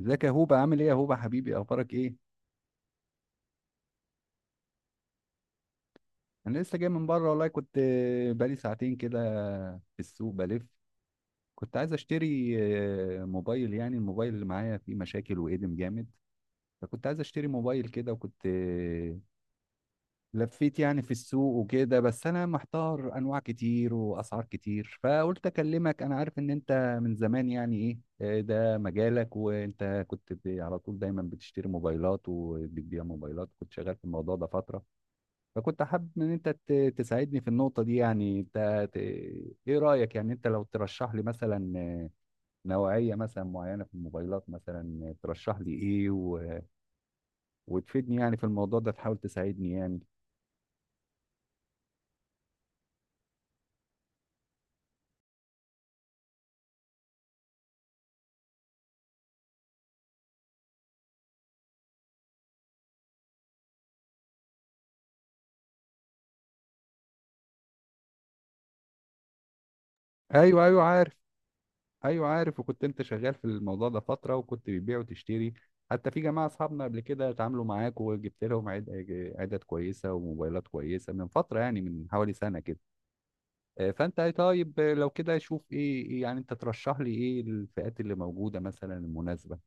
ازيك يا هوبا؟ عامل ايه يا هوبا حبيبي؟ اخبارك ايه؟ انا لسه جاي من بره والله، كنت بقالي ساعتين كده في السوق بلف. كنت عايز اشتري موبايل، يعني الموبايل اللي معايا فيه مشاكل وقدم جامد. فكنت عايز اشتري موبايل كده، وكنت لفيت يعني في السوق وكده، بس انا محتار انواع كتير واسعار كتير، فقلت اكلمك. انا عارف ان انت من زمان يعني ايه ده مجالك، وانت كنت على طول دايما بتشتري موبايلات وبتبيع موبايلات، كنت شغال في الموضوع ده فترة. فكنت حابب ان انت تساعدني في النقطة دي، يعني انت ايه رأيك، يعني انت لو ترشح لي مثلا نوعية مثلا معينة في الموبايلات، مثلا ترشح لي ايه وتفيدني يعني في الموضوع ده، تحاول تساعدني يعني. ايوه ايوه عارف. ايوه عارف، وكنت انت شغال في الموضوع ده فترة وكنت بتبيع وتشتري، حتى في جماعة اصحابنا قبل كده اتعاملوا معاك وجبت لهم عدد كويسة وموبايلات كويسة من فترة، يعني من حوالي سنة كده. فانت طيب، لو كده شوف ايه يعني انت ترشح لي، ايه الفئات اللي موجوده مثلا المناسبه؟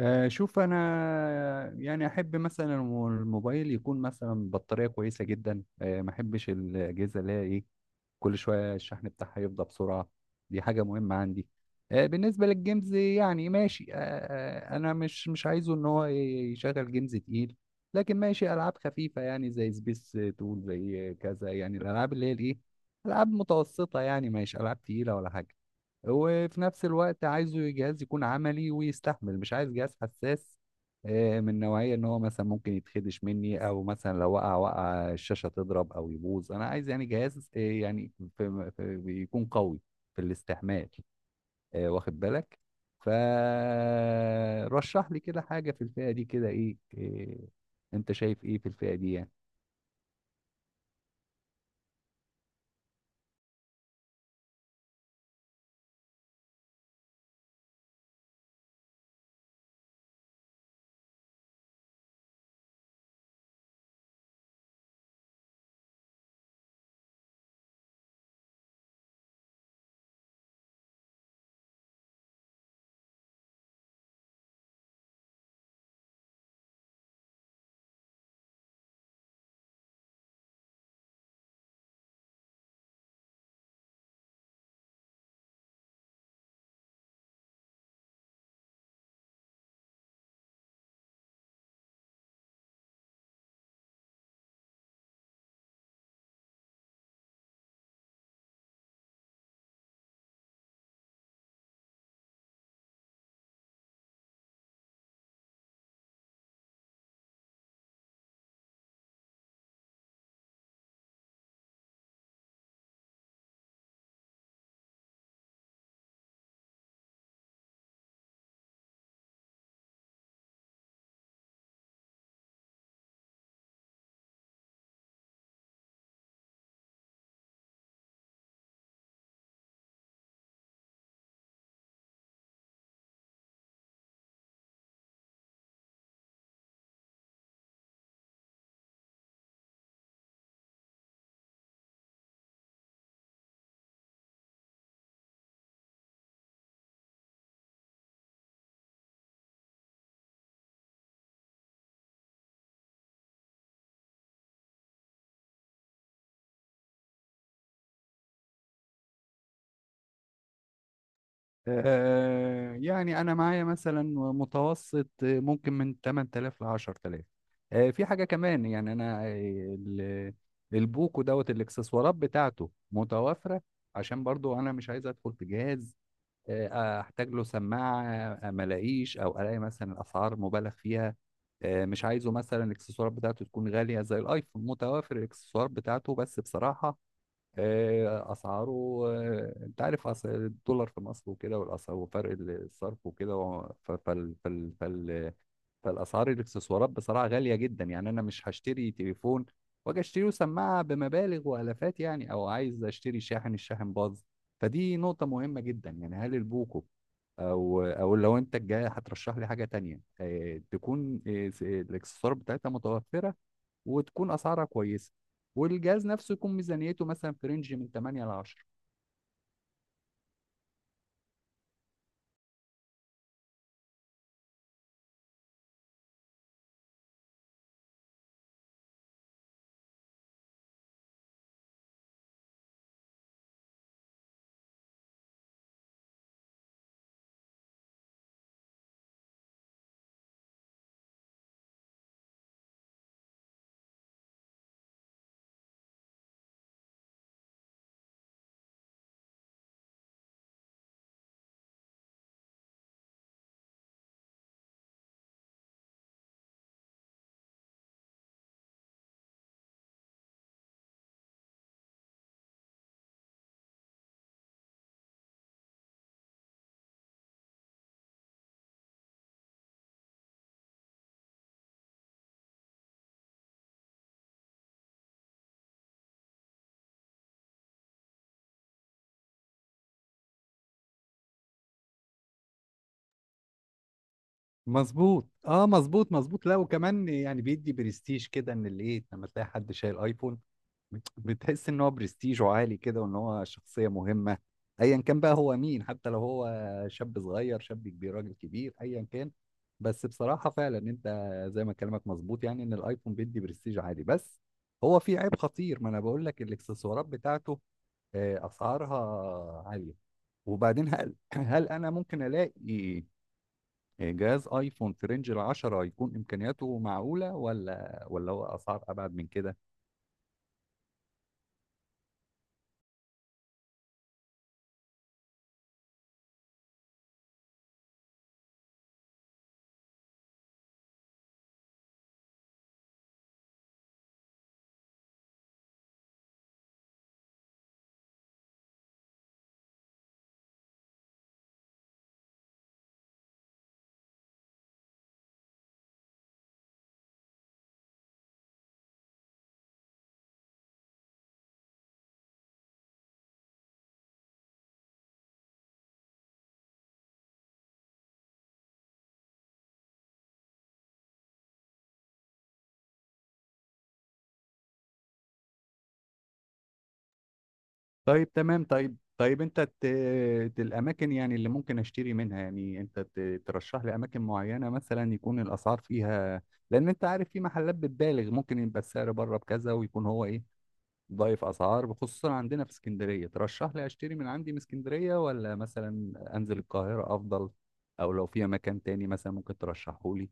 شوف انا يعني احب مثلا الموبايل يكون مثلا بطاريه كويسه جدا، ما احبش الاجهزه اللي هي ايه، كل شويه الشحن بتاعها يفضى بسرعه، دي حاجه مهمه عندي. بالنسبه للجيمز يعني ماشي، انا مش عايزه ان هو يشغل جيمز تقيل، لكن ماشي العاب خفيفه يعني زي سبيس تول زي كذا، يعني الالعاب اللي هي الايه، العاب متوسطه يعني ماشي، العاب تقيله ولا حاجه. وفي نفس الوقت عايزه جهاز يكون عملي ويستحمل، مش عايز جهاز حساس، من نوعية ان هو مثلا ممكن يتخدش مني، او مثلا لو وقع الشاشة تضرب او يبوظ. انا عايز يعني جهاز يعني في بيكون قوي في الاستحمال، واخد بالك. فرشح لي كده حاجة في الفئة دي كده، ايه انت شايف ايه في الفئة دي يعني؟ آه، يعني انا معايا مثلا متوسط، ممكن من 8000 ل 10000. آه، في حاجه كمان يعني انا ال- البوكو دوت الاكسسوارات بتاعته متوافره، عشان برضو انا مش عايز ادخل في جهاز احتاج له سماعه، ما الاقيش او الاقي مثلا الاسعار مبالغ فيها. مش عايزه مثلا الاكسسوارات بتاعته تكون غاليه زي الايفون. متوافر الاكسسوارات بتاعته بس بصراحه اسعاره، انت عارف الدولار في مصر وكده والاسعار وفرق الصرف وكده فالاسعار الاكسسوارات بصراحه غاليه جدا، يعني انا مش هشتري تليفون واجي اشتري سماعه بمبالغ والافات يعني، او عايز اشتري شاحن الشاحن باظ. فدي نقطه مهمه جدا. يعني هل البوكو او لو انت الجاي هترشح لي حاجه تانية تكون الاكسسوار بتاعتها متوفره، وتكون اسعارها كويسه، والجهاز نفسه يكون ميزانيته مثلا في رينج من 8 ل 10. مظبوط، اه مظبوط مظبوط. لا وكمان يعني بيدي برستيج كده، ان الايه لما تلاقي حد شايل ايفون بتحس ان هو برستيجه عالي كده، وان هو شخصيه مهمه ايا كان بقى هو مين، حتى لو هو شاب صغير شاب كبير راجل كبير ايا كان. بس بصراحه فعلا انت زي ما كلامك مظبوط، يعني ان الايفون بيدي برستيج عالي، بس هو في عيب خطير، ما انا بقول لك الاكسسوارات بتاعته اسعارها عاليه. وبعدين هل انا ممكن الاقي جهاز ايفون في رينج ال 10 يكون امكانياته معقوله، ولا هو اسعار ابعد من كده؟ طيب تمام، طيب طيب انت الاماكن يعني اللي ممكن اشتري منها، يعني انت ترشح لي اماكن معينه مثلا يكون الاسعار فيها، لان انت عارف في محلات بتبالغ، ممكن يبقى السعر بره بكذا ويكون هو ايه ضايف اسعار، خصوصا عندنا في اسكندريه. ترشح لي اشتري من عندي من اسكندريه، ولا مثلا انزل القاهره افضل؟ او لو في مكان تاني مثلا ممكن ترشحه لي.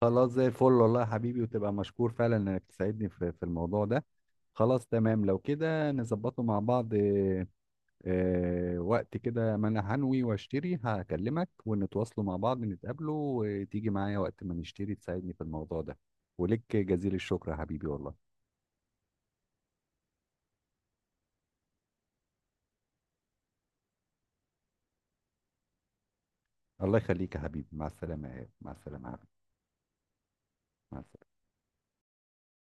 خلاص زي الفل والله يا حبيبي، وتبقى مشكور فعلا انك تساعدني في الموضوع ده. خلاص تمام، لو كده نظبطه مع بعض. وقت كده ما انا هنوي واشتري هكلمك ونتواصلوا مع بعض نتقابلوا، وتيجي معايا وقت ما نشتري تساعدني في الموضوع ده. ولك جزيل الشكر يا حبيبي والله. الله يخليك يا حبيبي، مع السلامة مع السلامة يا حبيبي، مع السلامة.